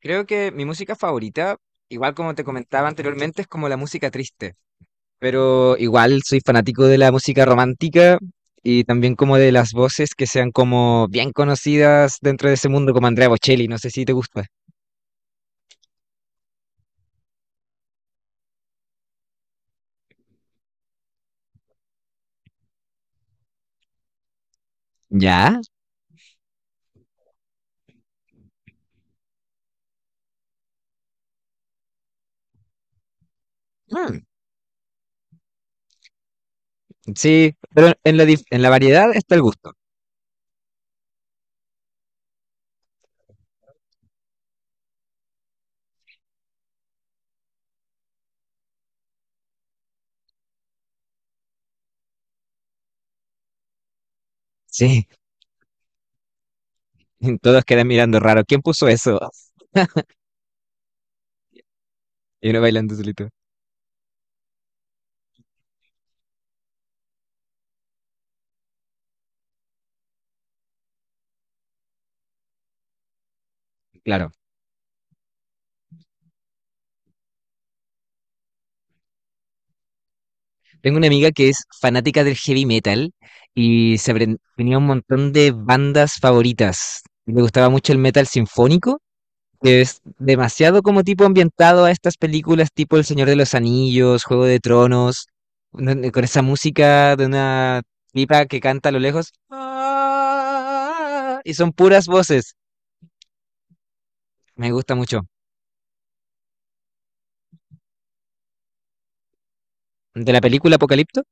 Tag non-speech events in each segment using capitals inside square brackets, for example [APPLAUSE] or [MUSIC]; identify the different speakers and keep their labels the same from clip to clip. Speaker 1: Creo que mi música favorita, igual como te comentaba anteriormente, es como la música triste, pero igual soy fanático de la música romántica y también como de las voces que sean como bien conocidas dentro de ese mundo, como Andrea Bocelli. No sé si te gusta. ¿Ya? Mm, sí, pero en la variedad está el gusto. Sí, [LAUGHS] todos quedan mirando raro. ¿Quién puso eso? [LAUGHS] Y uno bailando solito. Claro. Tengo una amiga que es fanática del heavy metal y tenía un montón de bandas favoritas. Le gustaba mucho el metal sinfónico, que es demasiado como tipo ambientado a estas películas tipo El Señor de los Anillos, Juego de Tronos, con esa música de una pipa que canta a lo lejos. "Ah", y son puras voces. Me gusta mucho. ¿De la película Apocalipto?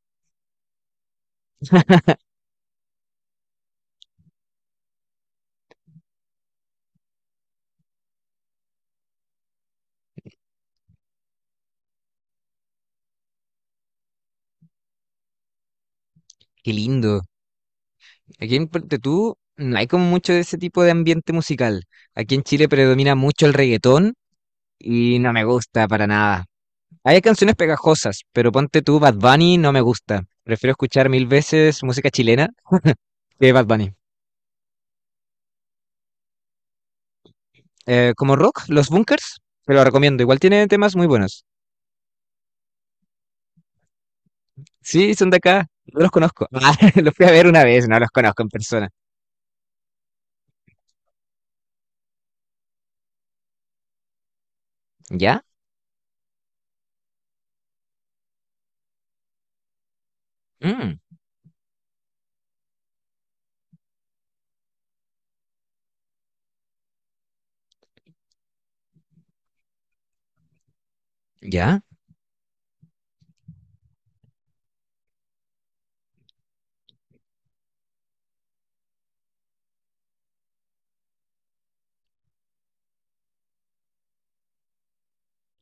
Speaker 1: Qué lindo. Aquí en Puerto Tú no hay como mucho de ese tipo de ambiente musical. Aquí en Chile predomina mucho el reggaetón y no me gusta para nada. Hay canciones pegajosas, pero ponte tú Bad Bunny no me gusta. Prefiero escuchar mil veces música chilena que Bad Bunny. Como rock, Los Bunkers, te lo recomiendo. Igual tiene temas muy buenos. Sí, son de acá. No los conozco. [LAUGHS] Ah, los fui a ver una vez, no los conozco en persona. ¿Ya? Mm, ¿ya?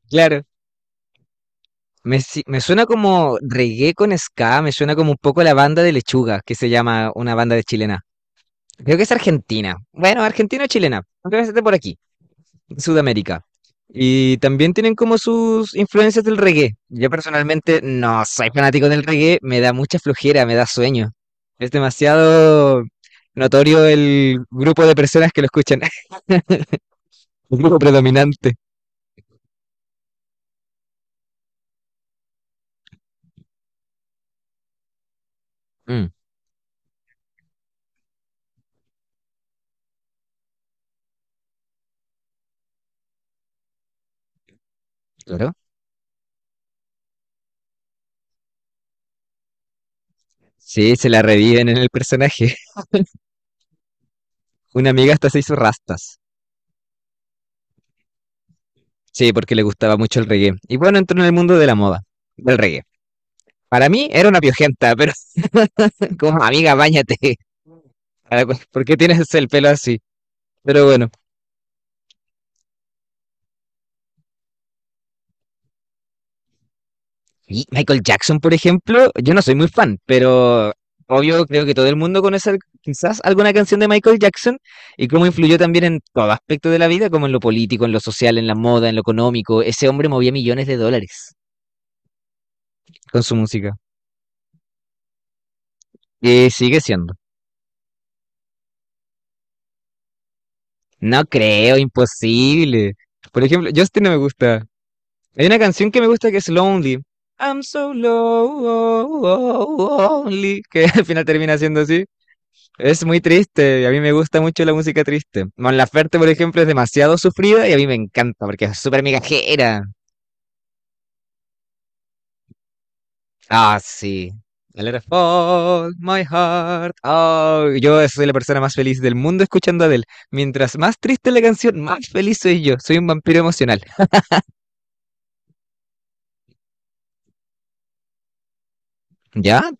Speaker 1: Claro. Me, si- Me suena como reggae con ska, me suena como un poco la banda de Lechuga, que se llama una banda de chilena. Creo que es argentina. Bueno, argentina o chilena. Creo que es de por aquí, Sudamérica. Y también tienen como sus influencias del reggae. Yo personalmente no soy fanático del reggae, me da mucha flojera, me da sueño. Es demasiado notorio el grupo de personas que lo escuchan, [LAUGHS] el grupo predominante. Mm, claro. Sí, se la reviven en el personaje. [LAUGHS] Una amiga hasta se hizo rastas. Sí, porque le gustaba mucho el reggae. Y bueno, entró en el mundo de la moda, del reggae. Para mí era una piojenta, pero [LAUGHS] como amiga, báñate. [LAUGHS] Ahora, ¿Por qué tienes el pelo así? Pero bueno. Y Michael Jackson, por ejemplo, yo no soy muy fan, pero obvio creo que todo el mundo conoce quizás alguna canción de Michael Jackson y cómo influyó también en todo aspecto de la vida, como en lo político, en lo social, en la moda, en lo económico. Ese hombre movía millones de dólares con su música. Y sigue siendo. No creo, imposible. Por ejemplo, Justin no me gusta. Hay una canción que me gusta que es Lonely. I'm so lonely. Que [LAUGHS] al final termina siendo así. Es muy triste. Y a mí me gusta mucho la música triste. Mon Laferte, por ejemplo, es demasiado sufrida y a mí me encanta porque es súper migajera. Ah, sí. I let it fall, my heart. Oh, yo soy la persona más feliz del mundo escuchando a Adele. Mientras más triste la canción, más feliz soy yo. Soy un vampiro emocional. ¿Ya?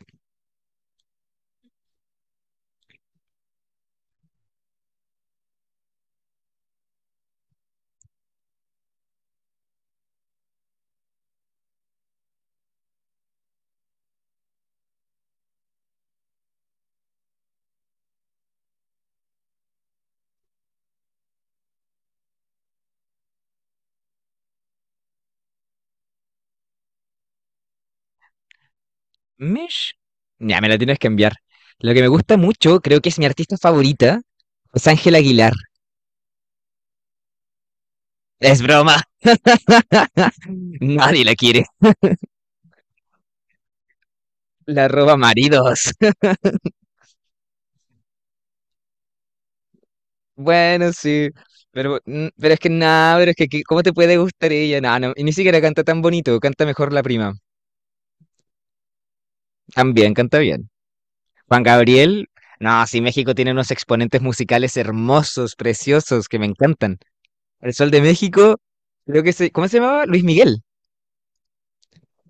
Speaker 1: Mish. Ya, me la tienes que enviar. Lo que me gusta mucho, creo que es mi artista favorita, es Ángela Aguilar. Es broma, [LAUGHS] nadie la quiere. La roba maridos. [LAUGHS] Bueno, sí. Pero, mm, pero es que nada, pero es que ¿cómo te puede gustar ella? No, no, y ni siquiera canta tan bonito, canta mejor la prima. También, canta bien. Juan Gabriel, no, sí, México tiene unos exponentes musicales hermosos, preciosos, que me encantan. El Sol de México, creo que se, ¿cómo se llamaba? Luis Miguel.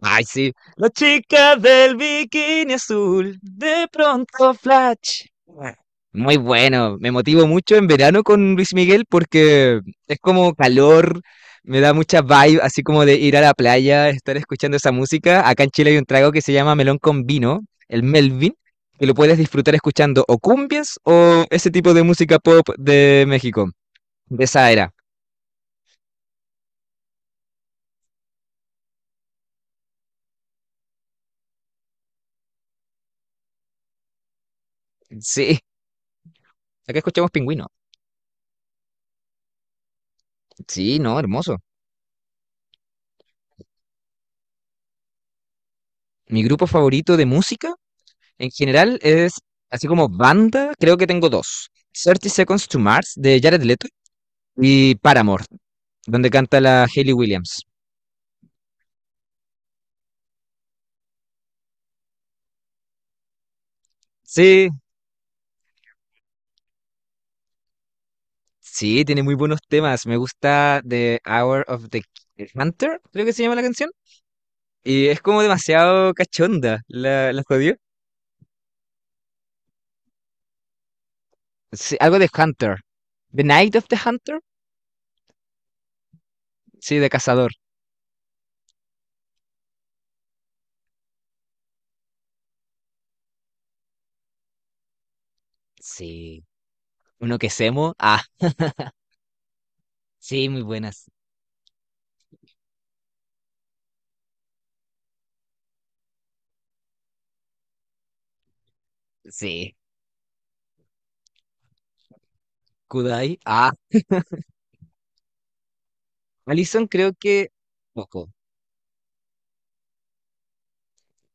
Speaker 1: Ay, sí. La chica del bikini azul, de pronto flash. Muy bueno, me motivo mucho en verano con Luis Miguel porque es como calor, me da mucha vibe, así como de ir a la playa, estar escuchando esa música. Acá en Chile hay un trago que se llama melón con vino, el Melvin, que lo puedes disfrutar escuchando o cumbias o ese tipo de música pop de México, de esa era. Sí, acá escuchamos Pingüino. Sí, no, hermoso. Mi grupo favorito de música en general es así como banda, creo que tengo dos. Thirty Seconds to Mars de Jared Leto y Paramore, donde canta la Hayley Williams. Sí, sí, tiene muy buenos temas. Me gusta The Hour of the Hunter, creo que se llama la canción. Y es como demasiado cachonda, la jodió. Sí, algo de Hunter. The Night of the Hunter. Sí, de cazador. Sí. Uno que semo. Ah, sí, muy buenas. Sí. Kudai. Ah. Alison creo que... Poco.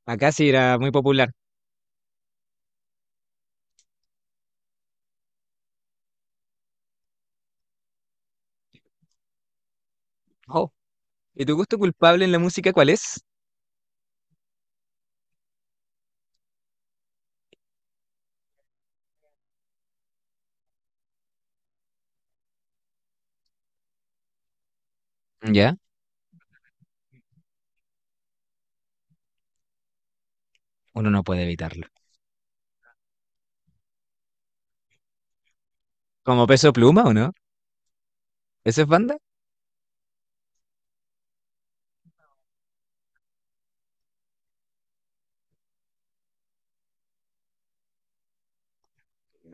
Speaker 1: Acá sí era muy popular. Oh. ¿Y tu gusto culpable en la música cuál es? ¿Ya? Uno no puede evitarlo. ¿Como Peso Pluma o no? ¿Esa es banda?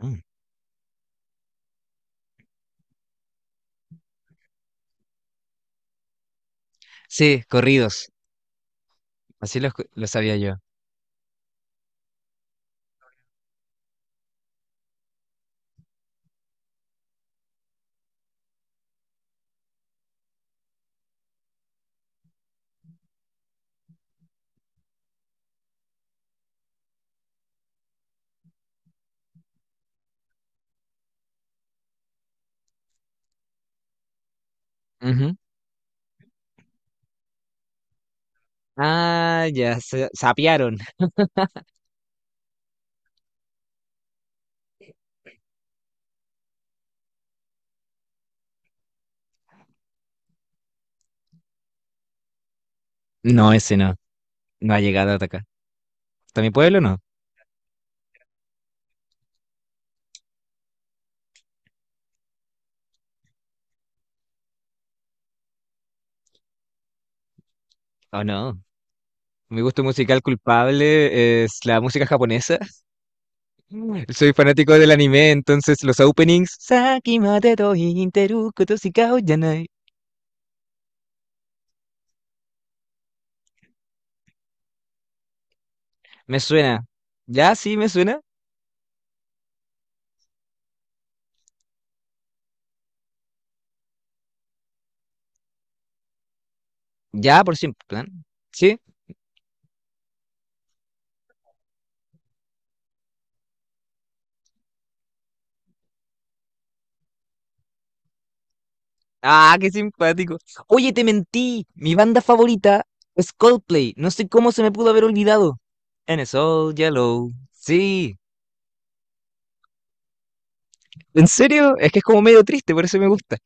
Speaker 1: Mm. Sí, corridos. Así lo, lo sabía yo. Ujú. Ah, ya, se sapearon. No, ese no. No ha llegado hasta acá. ¿Hasta mi pueblo no? ¿Oh no? Mi gusto musical culpable es la música japonesa. Mm. Soy fanático del anime, entonces los openings. "Saki mateto interu koto shikao yanai". Me suena. Ya sí, me suena. Ya, por Simple Plan. Sí. Ah, qué simpático. Oye, te mentí. Mi banda favorita es Coldplay. No sé cómo se me pudo haber olvidado. And it's all yellow. Sí. ¿En serio? Es que es como medio triste, por eso me gusta.